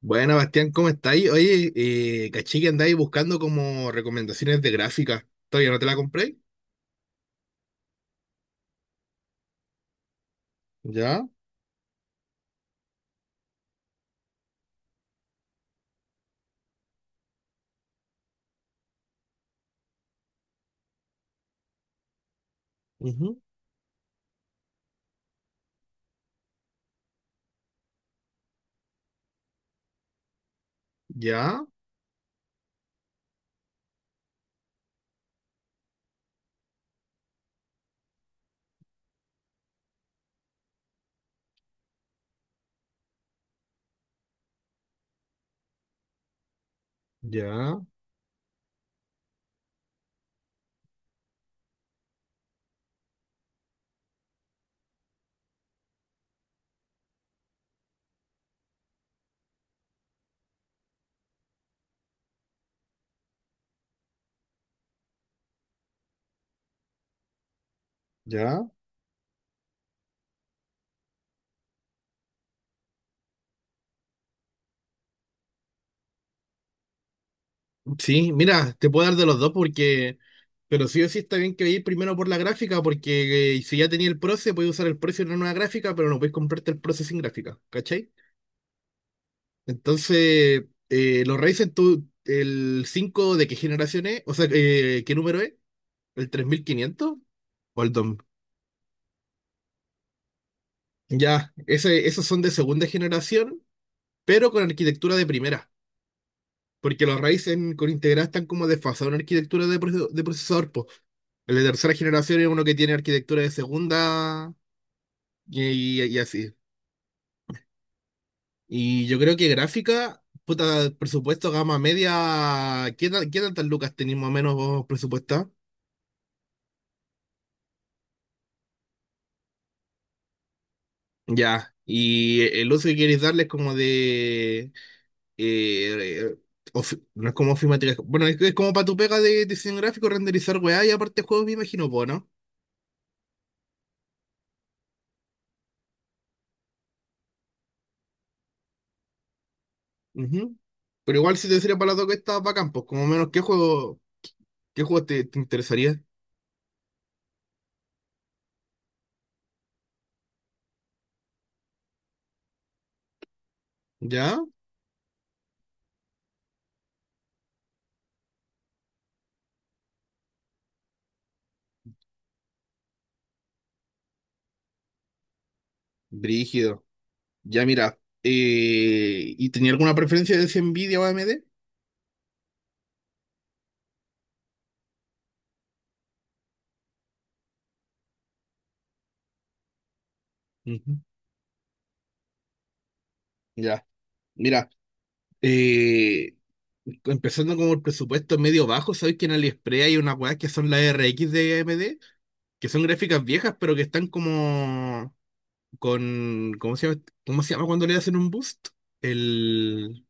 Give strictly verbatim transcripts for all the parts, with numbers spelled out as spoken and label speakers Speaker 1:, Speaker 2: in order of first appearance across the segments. Speaker 1: Bueno, Bastián, ¿cómo estáis? Oye, eh, caché que andáis buscando como recomendaciones de gráfica. ¿Todavía no te la compré? ¿Ya? Ujú. ¿Ya? ¿Ya? ¿Ya? Sí, mira, te puedo dar de los dos. Porque... Pero sí o sí está bien que vayáis primero por la gráfica porque eh, si ya tenía el Proce, podéis usar el Proce en una nueva gráfica, pero no podéis comprarte el Proce sin gráfica, ¿cachai? Entonces, eh, los Ryzen, tú, el cinco de qué generación es, o sea, eh, ¿qué número es? ¿El tres mil quinientos o el dos? Ya, ese- esos son de segunda generación, pero con arquitectura de primera, porque los Ryzen con Integra están como desfasados en arquitectura de, proce- de procesador, po. El de tercera generación es uno que tiene arquitectura de segunda y, y- y así. Y yo creo que gráfica, puta, presupuesto gama media, ¿qué, tan- qué tantas lucas tenéis más o menos vos presupuestado? Ya, y el uso que queréis darles como de eh, eh, of- no es como afirmativa. Bueno, es, es como para tu pega de diseño gráfico, renderizar weá y aparte juegos, me imagino, po, ¿no? Ujú. Pero igual si te sirve para las dos, que estás bacán, pues como menos, ¿qué juego, qué juego te, te interesaría? ¿Ya? Brígido. Ya, mira. Eh, ¿y tenía alguna preferencia de si Nvidia o A M D? Ujú. Ya. Mira, eh, empezando como el presupuesto medio bajo, ¿sabes que en AliExpress hay unas weas que son las R X de A M D? Que son gráficas viejas, pero que están como con, ¿cómo se llama? ¿Cómo se llama cuando le hacen un boost? El,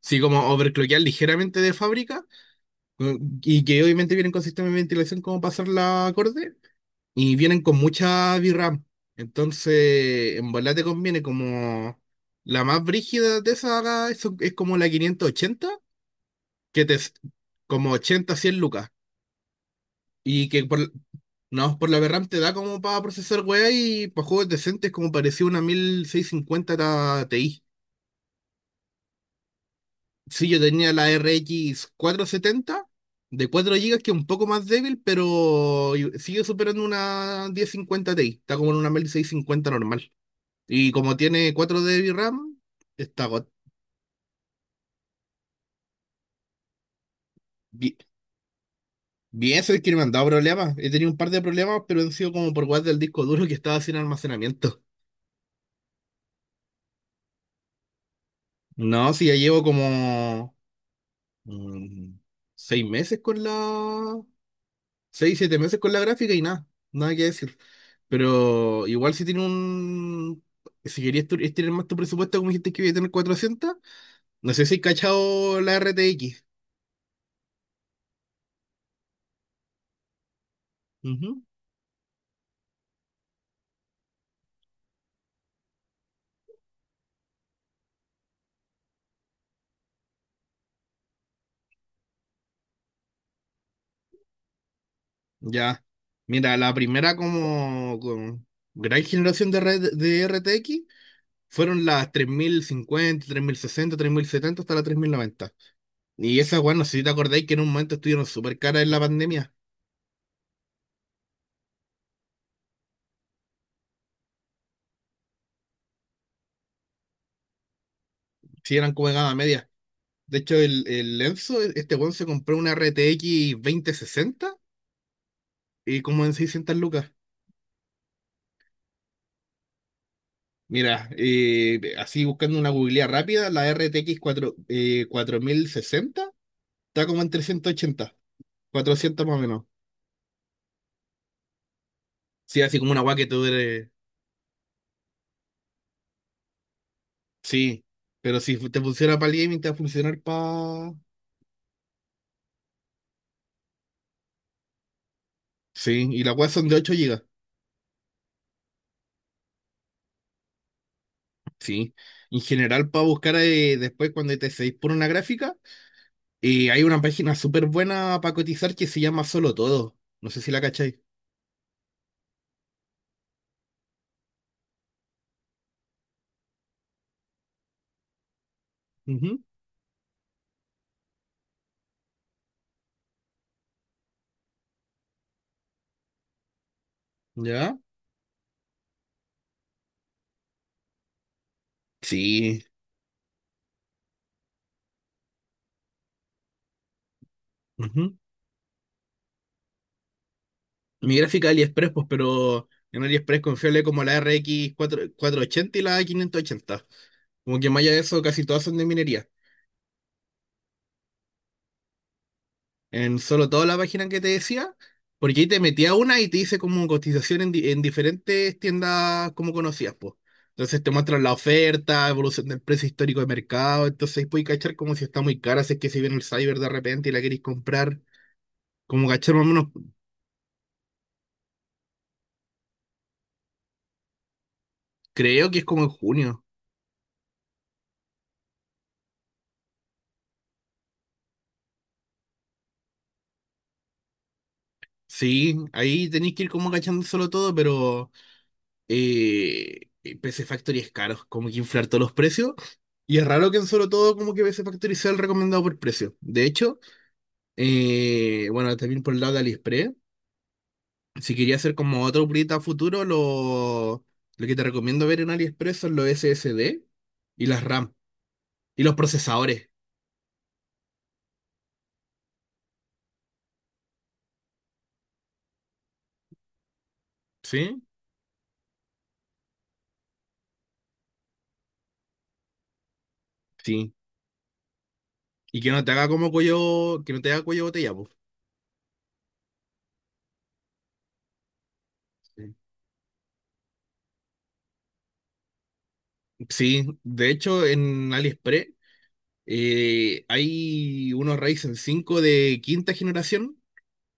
Speaker 1: sí, como overclockear ligeramente de fábrica, eh, y que obviamente vienen con sistema de ventilación como pasar la acorde y vienen con mucha v ram. Entonces, en volar te conviene como la más brígida de esa, es, es como la quinientos ochenta, que te es como ochenta cien lucas y que por, no, por la v ram te da como para procesar weá y para juegos decentes, como parecía una mil seiscientos cincuenta Ti. Sí, yo tenía la R X setenta de cuatro gigas, que es un poco más débil, pero i- sigue superando una mil cincuenta Ti. Está como en una mil seiscientos cincuenta normal. Y como tiene cuatro de RAM, está go- bi- bien. Eso es que no me han dado problemas. He tenido un par de problemas, pero han sido como por guardar del disco duro, que estaba sin almacenamiento. No, sí, ya llevo como mm, seis meses con la, seis, siete meses con la gráfica y nada, nada que decir. Pero igual si tiene un... Si querías tu- estirar más tu presupuesto, como dijiste que iba a tener cuatrocientos, no sé si has cachado la R T X. Ujú. Ya. Mira, la primera como, como, gran generación de, red, de R T X fueron las tres tres mil mil cincuenta, tres mil sesenta, tres mil setenta, hasta la tres mil noventa. Y esas, bueno, si te acordáis que en un momento estuvieron súper caras en la pandemia. Si eran como de gama media. De hecho, el, el Enzo, e, este weón se compró una R T X sesenta y como en seiscientos lucas. Mira, eh, así buscando una googlea rápida, la R T X cuatro eh, cuatro mil sesenta está como en trescientos ochenta, cuatrocientos más o menos. Sí, así como una weá que te dure. Sí, pero si te funciona para el gaming, te va a funcionar para. Sí, y las weas son de ocho gigas. Sí, en general, para buscar eh, después cuando te seguís por una gráfica. Y hay una página súper buena para cotizar que se llama Solo Todo. No sé si la cacháis. Ujú. ¿Ya? Sí. Ujú. Mi gráfica, de AliExpress, pues, pero en AliExpress confiable como la R X cuatro 4- ochenta y la quinientos ochenta. Como que más allá de eso, casi todas son de minería. En solo toda la página que te decía, porque ahí te metía una y te dice como cotización en, di- en diferentes tiendas como conocías, pues. Entonces te muestran la oferta, evolución del precio histórico de mercado, entonces ahí puedes cachar como si está muy cara, si es que si viene el cyber de repente y la queréis comprar, como cachar más o menos. Creo que es como en junio. Sí, ahí tenéis que ir como cachando solo todo, pero eh, P C Factory es caro, como que inflar todos los precios. Y es raro que en solo todo como que P C Factory sea el recomendado por precio. De hecho, Eh, bueno, también por el lado de AliExpress. Si quería hacer como otro proyecto a futuro, lo, lo que te recomiendo ver en AliExpress son los S S D y las RAM y los procesadores. ¿Sí? Sí. Y que no te haga como cuello, que no te haga cuello de botella, pues. Sí. Sí, de hecho en AliExpress eh, hay unos Ryzen cinco de quinta generación,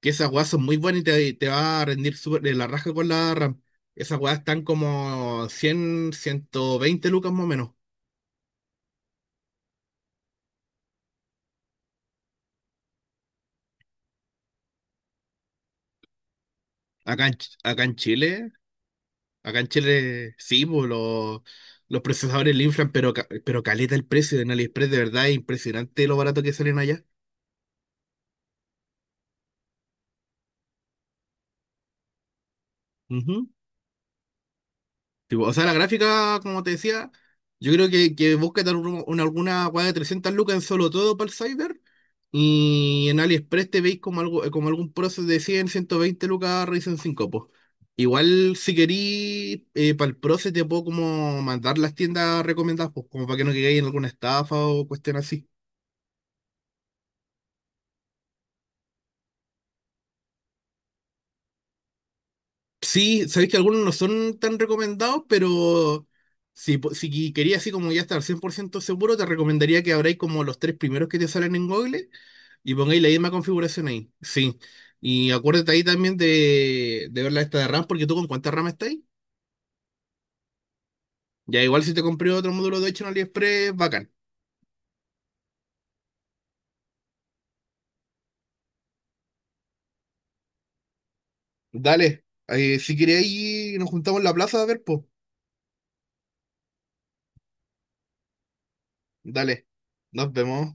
Speaker 1: que esas weas son muy buenas y te, te va a rendir súper de la raja con la RAM. Esas weas están como cien, ciento veinte lucas más o menos. Acá en, Ch- acá en Chile, Acá en Chile sí, pues, los, los procesadores le inflan, pero, ca- pero caleta el precio en AliExpress, de verdad es impresionante lo barato que salen allá. Ujú. Tipo, o sea, la gráfica, como te decía, yo creo que, que busca dar una- alguna weá de trescientos lucas en solo todo para el Cyber. Y en AliExpress te veis como algo, como algún proceso de cien, ciento veinte lucas Ryzen cinco, pues. Igual, si querís, eh, para el proceso te puedo como mandar las tiendas recomendadas, pues, como para que no quedéis en alguna estafa o cuestión así. Sí, sabéis que algunos no son tan recomendados, pero si, po- si quería así como ya estar cien por ciento seguro, te recomendaría que abráis como los tres primeros que te salen en Google y pongáis la misma configuración ahí. Sí. Y acuérdate ahí también de, de ver la esta de RAM, porque tú con cuánta RAM estás. Ya igual si te compré otro módulo de ocho en AliExpress, bacán. Dale. Eh, si queréis, nos juntamos en la plaza a ver, pues. Dale. Nos vemos.